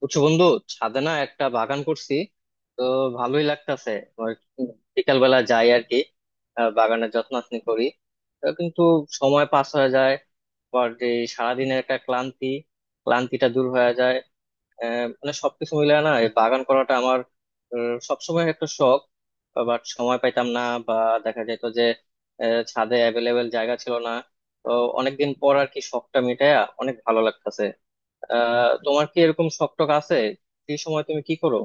বুঝছো বন্ধু? ছাদে না একটা বাগান করছি, তো ভালোই লাগতাছে। ওই বিকাল বেলা যাই আর কি, বাগানের যত্নাত্নি করি। তো কিন্তু সময় পাস হয়ে যায়, পর যে সারাদিনের একটা ক্লান্তি, ক্লান্তিটা দূর হয়ে যায়। মানে সবকিছু মিলে না এই বাগান করাটা আমার সবসময় একটা শখ। বাট সময় পাইতাম না, বা দেখা যেত যে ছাদে অ্যাভেলেবেল জায়গা ছিল না। তো অনেকদিন পর আর কি শখটা মিটায়া অনেক ভালো লাগতাছে। তোমার কি এরকম শখ টখ আছে? ফ্রি সময় তুমি কি করো?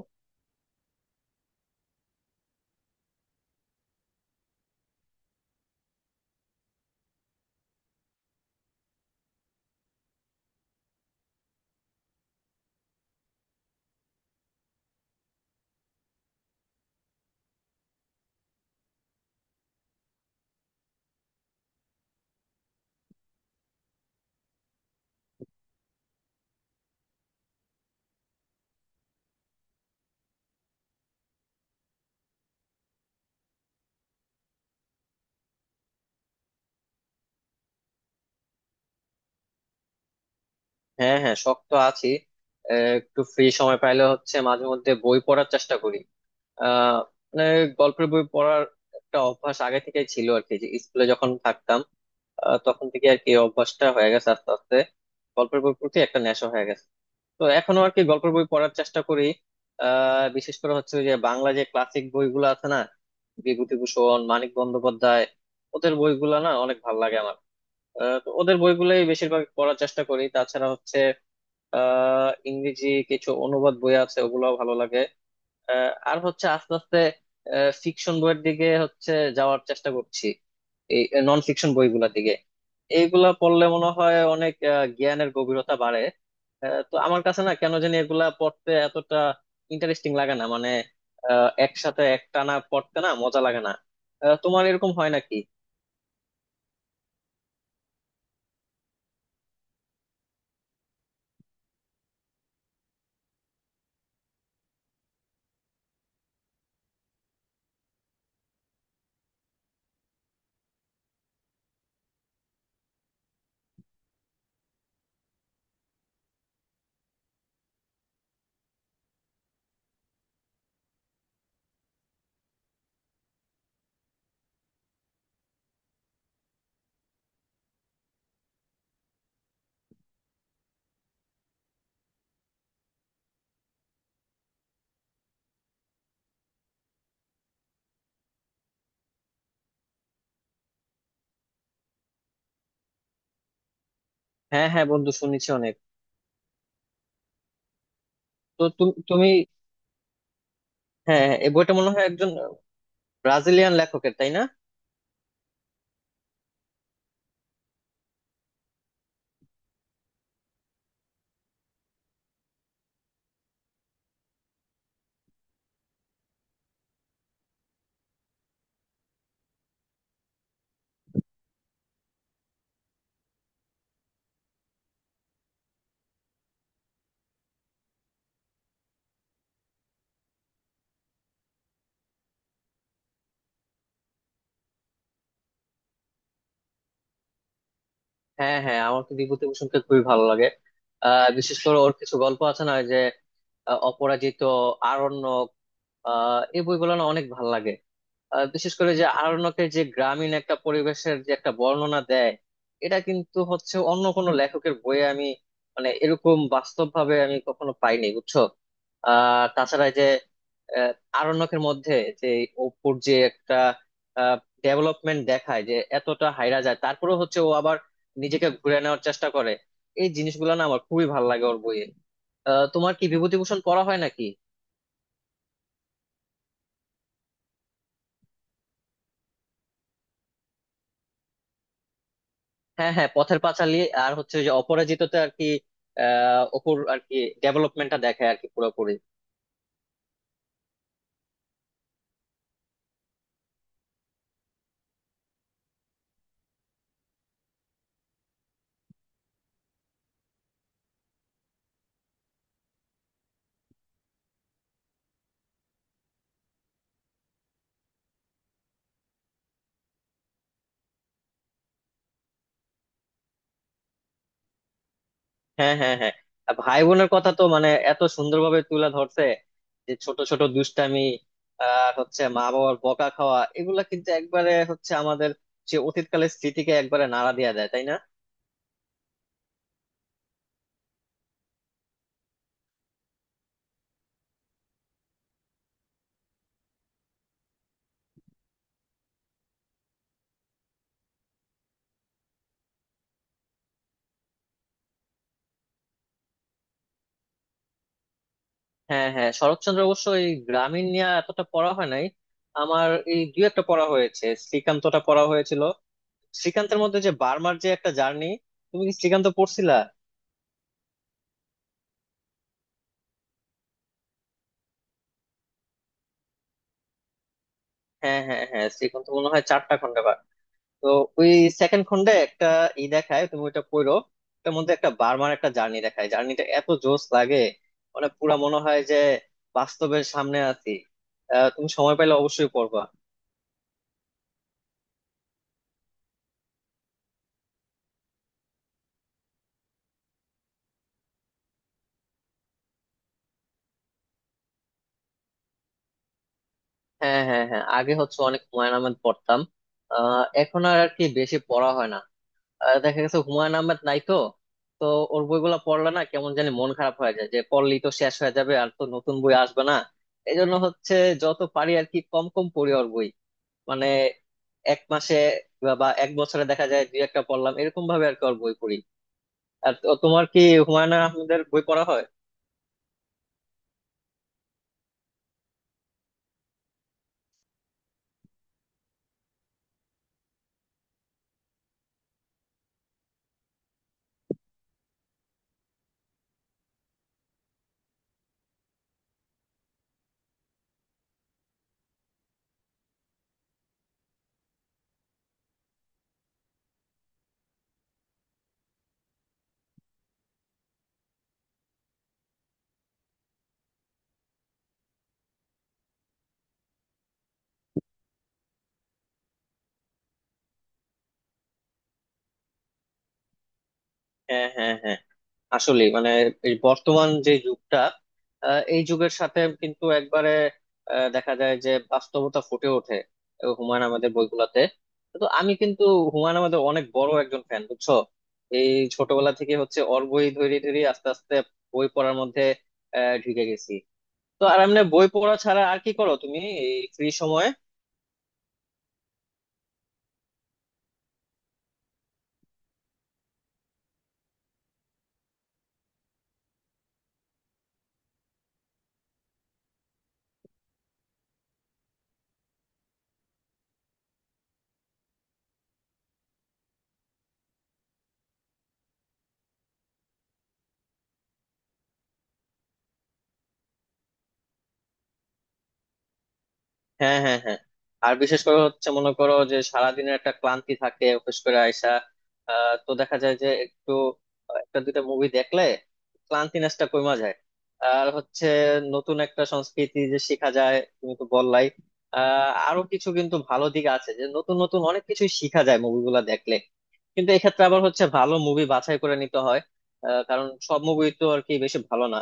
হ্যাঁ হ্যাঁ শখ তো আছে। একটু ফ্রি সময় পাইলে হচ্ছে মাঝে মধ্যে বই পড়ার চেষ্টা করি। আহ মানে গল্পের বই পড়ার একটা অভ্যাস আগে থেকেই ছিল আর কি, যে স্কুলে যখন থাকতাম, তখন থেকে আর কি এই অভ্যাসটা হয়ে গেছে আস্তে আস্তে, গল্পের বই প্রতি একটা নেশা হয়ে গেছে। তো এখনো আর কি গল্পের বই পড়ার চেষ্টা করি। বিশেষ করে হচ্ছে ওই যে বাংলা যে ক্লাসিক বইগুলো আছে না, বিভূতিভূষণ, মানিক বন্দ্যোপাধ্যায়, ওদের বইগুলো না অনেক ভালো লাগে আমার। তো ওদের বইগুলোই বেশিরভাগ পড়ার চেষ্টা করি। তাছাড়া হচ্ছে ইংরেজি কিছু অনুবাদ বই আছে, ওগুলো ভালো লাগে। আর হচ্ছে আস্তে আস্তে ফিকশন বইয়ের দিকে হচ্ছে যাওয়ার চেষ্টা করছি, এই নন ফিকশন বইগুলোর দিকে। এইগুলা পড়লে মনে হয় অনেক জ্ঞানের গভীরতা বাড়ে। তো আমার কাছে না কেন জানি এগুলা পড়তে এতটা ইন্টারেস্টিং লাগে না, মানে একসাথে একটানা পড়তে না মজা লাগে না। তোমার এরকম হয় নাকি? হ্যাঁ হ্যাঁ বন্ধু, শুনেছি অনেক। তো তুমি তুমি। হ্যাঁ হ্যাঁ, এই বইটা মনে হয় একজন ব্রাজিলিয়ান লেখকের, তাই না? হ্যাঁ হ্যাঁ, আমার তো বিভূতিভূষণকে খুবই ভালো লাগে। বিশেষ করে ওর কিছু গল্প আছে না, ওই যে অপরাজিত, আরণ্যক, এই বইগুলো না অনেক ভালো লাগে। বিশেষ করে যে আরণ্যকের যে গ্রামীণ একটা পরিবেশের যে একটা বর্ণনা দেয়, এটা কিন্তু হচ্ছে অন্য কোনো লেখকের বইয়ে আমি, মানে এরকম বাস্তব ভাবে আমি কখনো পাইনি বুঝছো। তাছাড়া এই যে আহ, আরণ্যকের মধ্যে যে অপুর যে একটা ডেভেলপমেন্ট দেখায়, যে এতটা হাইরা যায় তারপরে হচ্ছে ও আবার নিজেকে ঘুরে নেওয়ার চেষ্টা করে। এই জিনিসগুলো না আমার খুবই ভালো লাগে ওর বইয়ে। তোমার কি বিভূতিভূষণ পড়া হয় নাকি? হ্যাঁ হ্যাঁ, পথের পাঁচালী। আর হচ্ছে ওই যে অপরাজিততে আর কি, অপুর আর কি ডেভেলপমেন্টটা দেখায় আর কি পুরোপুরি। হ্যাঁ হ্যাঁ হ্যাঁ, আর ভাই বোনের কথা তো মানে এত সুন্দরভাবে তুলে ধরছে, যে ছোট ছোট দুষ্টামি, আর হচ্ছে মা বাবার বকা খাওয়া, এগুলা কিন্তু একবারে হচ্ছে আমাদের যে অতীতকালের স্মৃতিকে একবারে নাড়া দিয়ে দেয়, তাই না? হ্যাঁ হ্যাঁ, শরৎচন্দ্র অবশ্য এই গ্রামীণ নিয়ে এতটা পড়া হয় নাই আমার। এই দুই একটা পড়া হয়েছে, শ্রীকান্তটা পড়া হয়েছিল। শ্রীকান্তের মধ্যে যে বার্মার যে একটা জার্নি, তুমি কি শ্রীকান্ত পড়ছিলা? হ্যাঁ হ্যাঁ হ্যাঁ, শ্রীকান্ত মনে হয় চারটা খন্ডে বার। তো ওই সেকেন্ড খন্ডে একটা ই দেখায়, তুমি ওইটা পড়ো। ওটার মধ্যে একটা বার্মার একটা জার্নি দেখায়, জার্নিটা এত জোস লাগে, মানে পুরা মনে হয় যে বাস্তবের সামনে আছি। তুমি সময় পেলে অবশ্যই পড়বা। হ্যাঁ হ্যাঁ হ্যাঁ, আগে হচ্ছে অনেক হুমায়ুন আহমেদ পড়তাম। এখন আর আর কি বেশি পড়া হয় না। দেখা গেছে হুমায়ুন আহমেদ নাই তো, তো ওর বইগুলা পড়লে না কেমন জানি মন খারাপ হয়ে যায়, যে পড়লেই তো শেষ হয়ে যাবে, আর তো নতুন বই আসবে না। এই জন্য হচ্ছে যত পারি আর কি কম কম পড়ি ওর বই। মানে এক মাসে বা বা এক বছরে দেখা যায় দুই একটা পড়লাম, এরকম ভাবে আর কি ওর বই পড়ি। আর তোমার কি হুমায়ুন আহমেদের বই পড়া হয়? হ্যাঁ হ্যাঁ হ্যাঁ, আসলে মানে এই বর্তমান যে যুগটা, এই যুগের সাথে কিন্তু একবারে দেখা যায় যে বাস্তবতা ফুটে ওঠে হুমায়ুন আহমেদের বইগুলাতে। তো আমি কিন্তু হুমায়ুন আহমেদের অনেক বড় একজন ফ্যান, বুঝছো? এই ছোটবেলা থেকে হচ্ছে ওর বই ধরে ধরে আস্তে আস্তে বই পড়ার মধ্যে ঢুকে গেছি। তো আর এমনি বই পড়া ছাড়া আর কি করো তুমি এই ফ্রি সময়ে? হ্যাঁ হ্যাঁ হ্যাঁ, আর বিশেষ করে হচ্ছে মনে করো যে সারাদিনের একটা ক্লান্তি থাকে অফিস করে আইসা, তো দেখা যায় যে একটু একটা দুইটা মুভি দেখলে ক্লান্তি নেসটা কমা যায়। আর হচ্ছে নতুন একটা সংস্কৃতি যে শেখা যায়, তুমি তো বললাই। আরো কিছু কিন্তু ভালো দিক আছে, যে নতুন নতুন অনেক কিছুই শিখা যায় মুভিগুলা দেখলে। কিন্তু এক্ষেত্রে আবার হচ্ছে ভালো মুভি বাছাই করে নিতে হয়, কারণ সব মুভি তো আর কি বেশি ভালো না।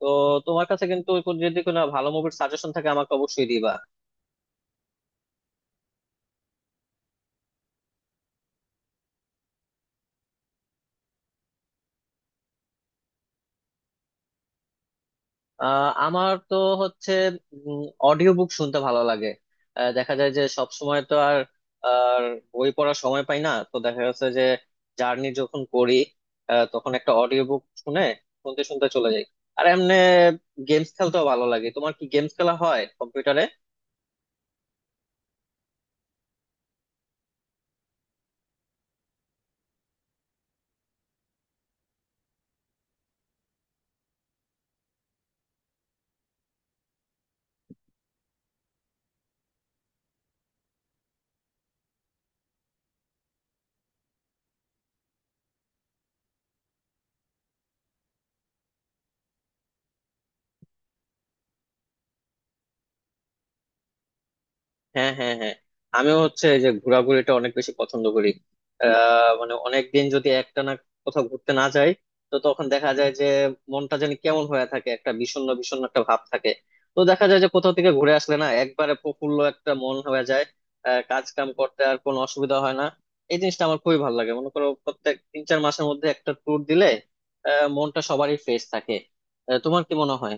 তো তোমার কাছে কিন্তু যদি কোনো ভালো মুভির সাজেশন থাকে, আমাকে অবশ্যই দিবা। আমার তো হচ্ছে অডিও বুক শুনতে ভালো লাগে। দেখা যায় যে সব সময় তো আর আর বই পড়ার সময় পাই না, তো দেখা যাচ্ছে যে জার্নি যখন করি তখন একটা অডিও বুক শুনে শুনতে শুনতে চলে যাই। আর এমনি গেমস খেলতেও ভালো লাগে, তোমার কি গেমস খেলা হয় কম্পিউটারে? হ্যাঁ হ্যাঁ হ্যাঁ, আমিও হচ্ছে এই যে ঘোরাঘুরিটা অনেক বেশি পছন্দ করি। মানে অনেকদিন যদি একটানা কোথাও ঘুরতে না যাই, তো তখন দেখা যায় যে মনটা যেন কেমন হয়ে থাকে, একটা বিষণ্ণ বিষণ্ণ একটা ভাব থাকে। তো দেখা যায় যে কোথাও থেকে ঘুরে আসলে না একবারে প্রফুল্ল একটা মন হয়ে যায়, কাজ কাম করতে আর কোনো অসুবিধা হয় না। এই জিনিসটা আমার খুবই ভালো লাগে, মনে করো প্রত্যেক তিন চার মাসের মধ্যে একটা ট্যুর দিলে মনটা সবারই ফ্রেশ থাকে। তোমার কি মনে হয়?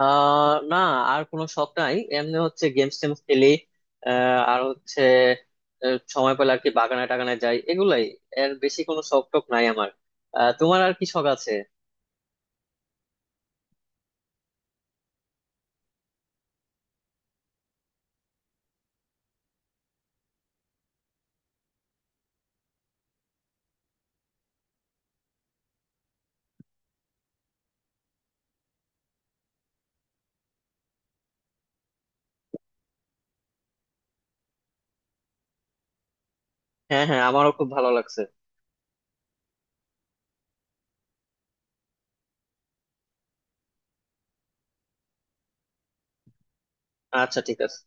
না, আর কোনো শখ নাই। এমনি হচ্ছে গেমস টেমস খেলি, আর হচ্ছে সময় পেলে আর কি বাগানে টাগানে যাই, এগুলাই। এর বেশি কোনো শখ টখ নাই আমার। তোমার আর কি শখ আছে? হ্যাঁ হ্যাঁ আমারও খুব ভালো লাগছে। আচ্ছা ঠিক আছে।